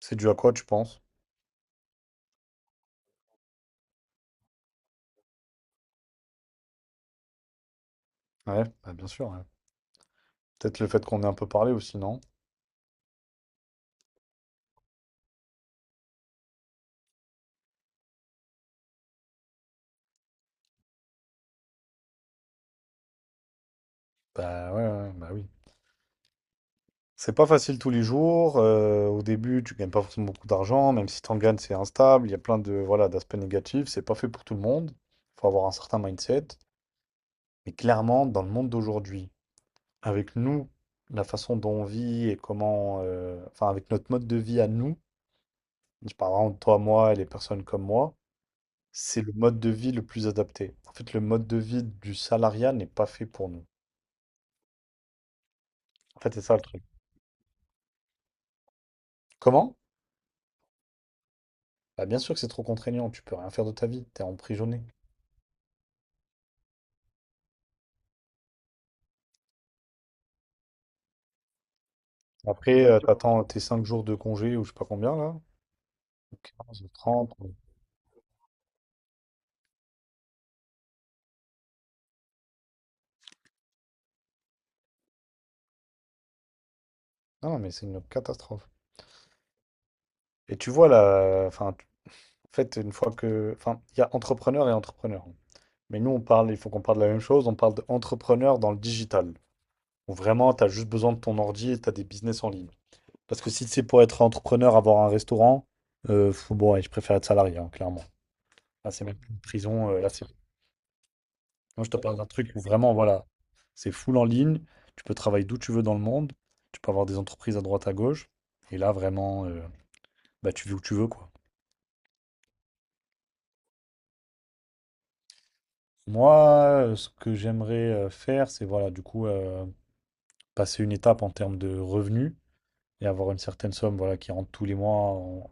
C'est dû à quoi, tu penses? Ouais, bah, bien sûr, ouais. Peut-être le fait qu'on ait un peu parlé aussi, non? Bah ouais, ouais, bah oui. C'est pas facile tous les jours. Au début, tu gagnes pas forcément beaucoup d'argent. Même si t'en gagnes, c'est instable. Il y a plein de voilà d'aspects négatifs. C'est pas fait pour tout le monde. Il faut avoir un certain mindset. Mais clairement, dans le monde d'aujourd'hui, avec nous, la façon dont on vit et comment, enfin avec notre mode de vie à nous, je parle vraiment de toi, moi et les personnes comme moi, c'est le mode de vie le plus adapté. En fait, le mode de vie du salariat n'est pas fait pour nous. En fait, c'est ça le truc. Comment? Bah, bien sûr que c'est trop contraignant, tu peux rien faire de ta vie, t'es emprisonné. Après, t'attends tes 5 jours de congé ou je sais pas combien là, ou 15 ou 30. Non, non, mais c'est une catastrophe. Et tu vois là, enfin, en fait, une fois que. Enfin, il y a entrepreneur et entrepreneur. Mais nous, on parle, il faut qu'on parle de la même chose, on parle d'entrepreneur dans le digital. Où vraiment, t'as juste besoin de ton ordi et t'as des business en ligne. Parce que si c'est pour être entrepreneur, avoir un restaurant, bon, ouais, je préfère être salarié, hein, clairement. Là, c'est même plus une prison. Là, c'est Moi, je te parle d'un truc où vraiment, voilà, c'est full en ligne, tu peux travailler d'où tu veux dans le monde, tu peux avoir des entreprises à droite à gauche, et là, vraiment, bah, tu vis où tu veux, quoi. Moi, ce que j'aimerais faire, c'est, voilà, du coup, passer une étape en termes de revenus et avoir une certaine somme, voilà, qui rentre tous les mois en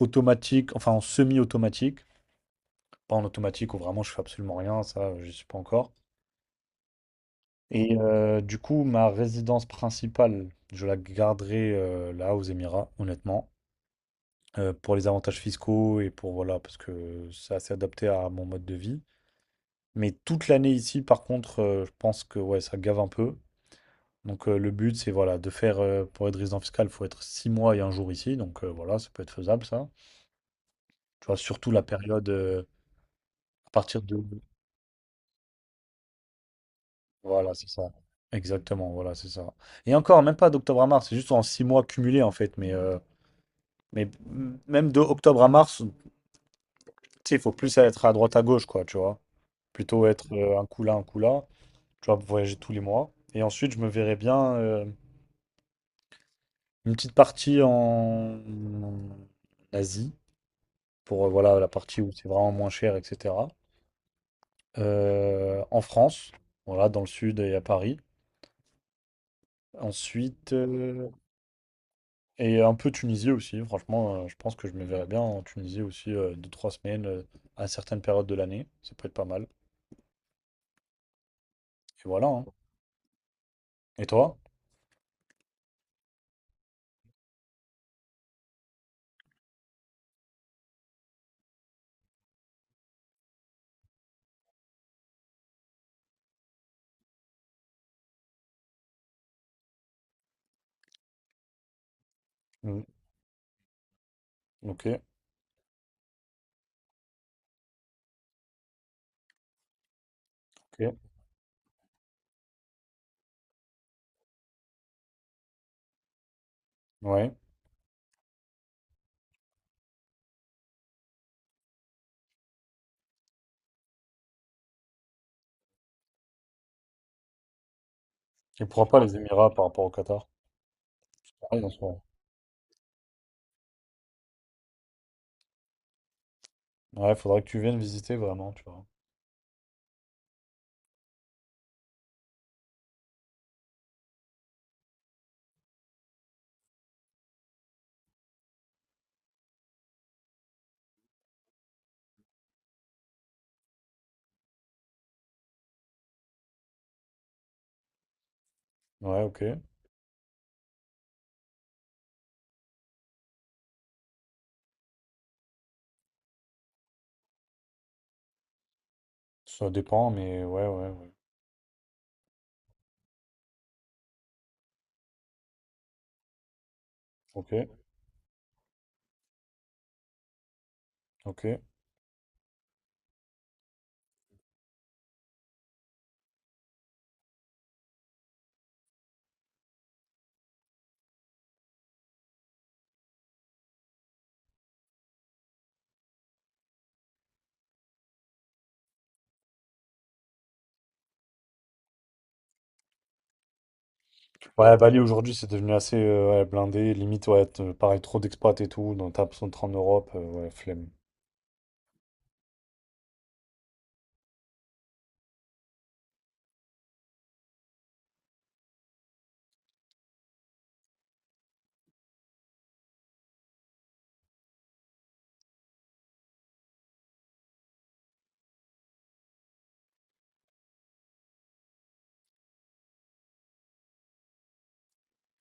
automatique, enfin en semi-automatique, pas en automatique où vraiment je fais absolument rien, ça, je suis pas encore. Et du coup, ma résidence principale, je la garderai là aux Émirats, honnêtement. Pour les avantages fiscaux et pour voilà, parce que c'est assez adapté à mon mode de vie. Mais toute l'année ici, par contre, je pense que ouais, ça gave un peu. Donc le but, c'est voilà, de faire pour être résident fiscal, il faut être 6 mois et 1 jour ici. Donc voilà, ça peut être faisable ça. Tu vois, surtout la période à partir de. Voilà, c'est ça. Exactement, voilà, c'est ça. Et encore, même pas d'octobre à mars, c'est juste en 6 mois cumulés en fait. Mais même de octobre à mars, tu sais, il faut plus être à droite à gauche, quoi, tu vois. Plutôt être un coup là, un coup là. Tu vois, voyager tous les mois. Et ensuite, je me verrais bien une petite partie en Asie, pour voilà, la partie où c'est vraiment moins cher, etc. En France, voilà, dans le sud et à Paris. Ensuite, et un peu Tunisie aussi. Franchement, je pense que je me verrais bien en Tunisie aussi, 2, 3 semaines, à certaines périodes de l'année. Ça peut être pas mal. Et voilà. Hein. Et toi? Mm. Ok, ok. Ouais. Et pourquoi pas les Émirats par rapport au Qatar? Pareil en soi. Ouais, faudrait que tu viennes visiter vraiment, tu vois. Ouais, ok. Ça dépend, mais ouais, ouais, ouais. Ok, ok. Ouais, Bali aujourd'hui, c'est devenu assez ouais, blindé. Limite, ouais, pareil, trop d'expats et tout. Donc, t'as besoin de te rendre en Europe, ouais, flemme.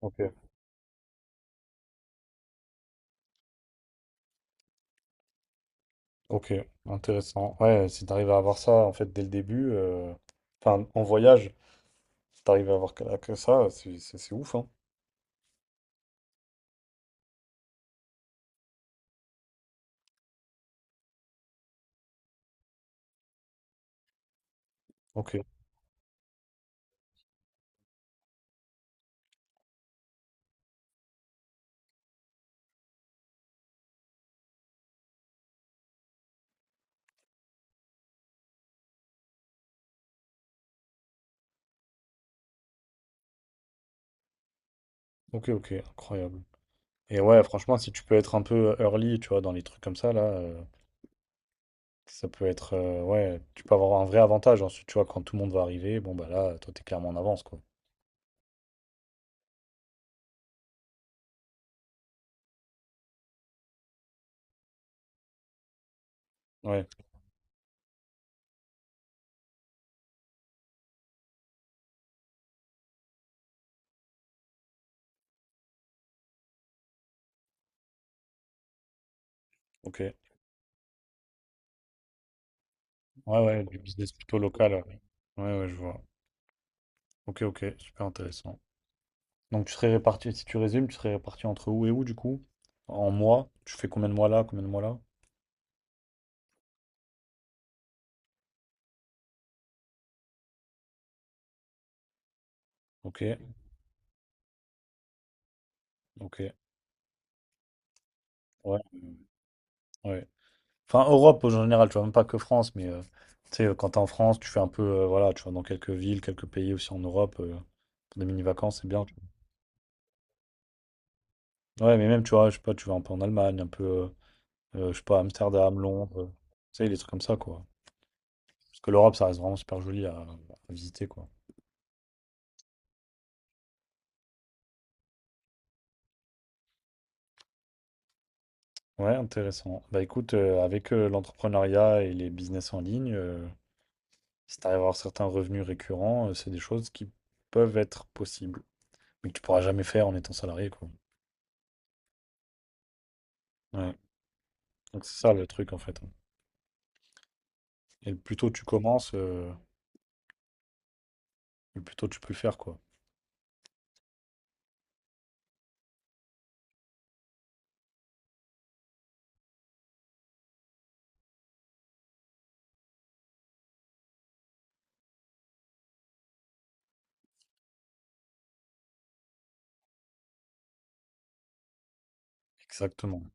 Ok, ok, intéressant. Ouais, si t'arrives à avoir ça, en fait, dès le début, enfin, en voyage, si t'arrives à avoir que ça, c'est ouf, hein. Ok, ok, ok, incroyable. Et ouais, franchement, si tu peux être un peu early, tu vois, dans les trucs comme ça, là. Ça peut être, ouais, tu peux avoir un vrai avantage ensuite, tu vois? Quand tout le monde va arriver, bon, bah, là, toi, t'es clairement en avance, quoi. Ouais, OK. Ouais, ouais, du business plutôt local, ouais. Ouais, ouais, je vois. OK, OK, super intéressant. Donc tu serais réparti si tu résumes, tu serais réparti entre où et où, du coup? En mois? Tu fais combien de mois là, combien de mois là? OK, OK, ouais, ouais. Enfin, Europe en général, tu vois? Même pas que France, mais, tu sais, quand t'es en France, tu fais un peu, voilà, tu vas dans quelques villes, quelques pays aussi en Europe, pour des mini-vacances, c'est bien. Ouais, mais même, tu vois, je sais pas, tu vas un peu en Allemagne, un peu, je sais pas, Amsterdam, Londres, tu sais, des trucs comme ça, quoi. Parce que l'Europe, ça reste vraiment super joli à visiter, quoi. Ouais, intéressant. Bah écoute, avec l'entrepreneuriat et les business en ligne, si t'arrives à avoir certains revenus récurrents, c'est des choses qui peuvent être possibles, mais que tu pourras jamais faire en étant salarié, quoi. Ouais. Donc c'est ça le truc, en fait. Et le plus tôt tu commences, le plus tôt tu peux le faire, quoi. Exactement.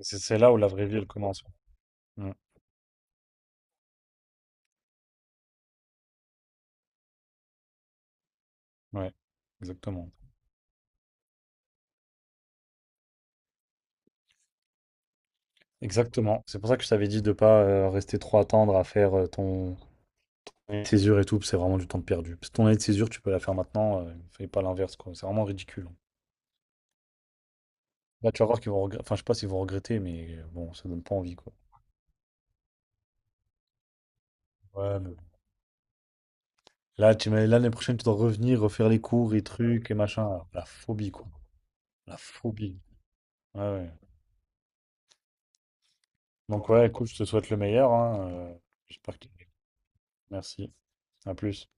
C'est là où la vraie vie, elle commence. Ouais, ouais, exactement. Exactement. C'est pour ça que je t'avais dit de pas rester trop attendre à faire ton année de césure et tout, parce que c'est vraiment du temps de perdu. Parce que ton année de césure, tu peux la faire maintenant, fais pas l'inverse, quoi. C'est vraiment ridicule. Là, tu vas voir qu'ils vont regretter. Enfin, je sais pas s'ils vont regretter, mais bon, ça donne pas envie, quoi. Ouais, mais bon. Là, l'année prochaine, tu dois revenir, refaire les cours et trucs et machin. Alors, la phobie, quoi. La phobie. Ouais, ouais. Donc, ouais, écoute, je te souhaite le meilleur, hein. J'espère que. Merci. À plus.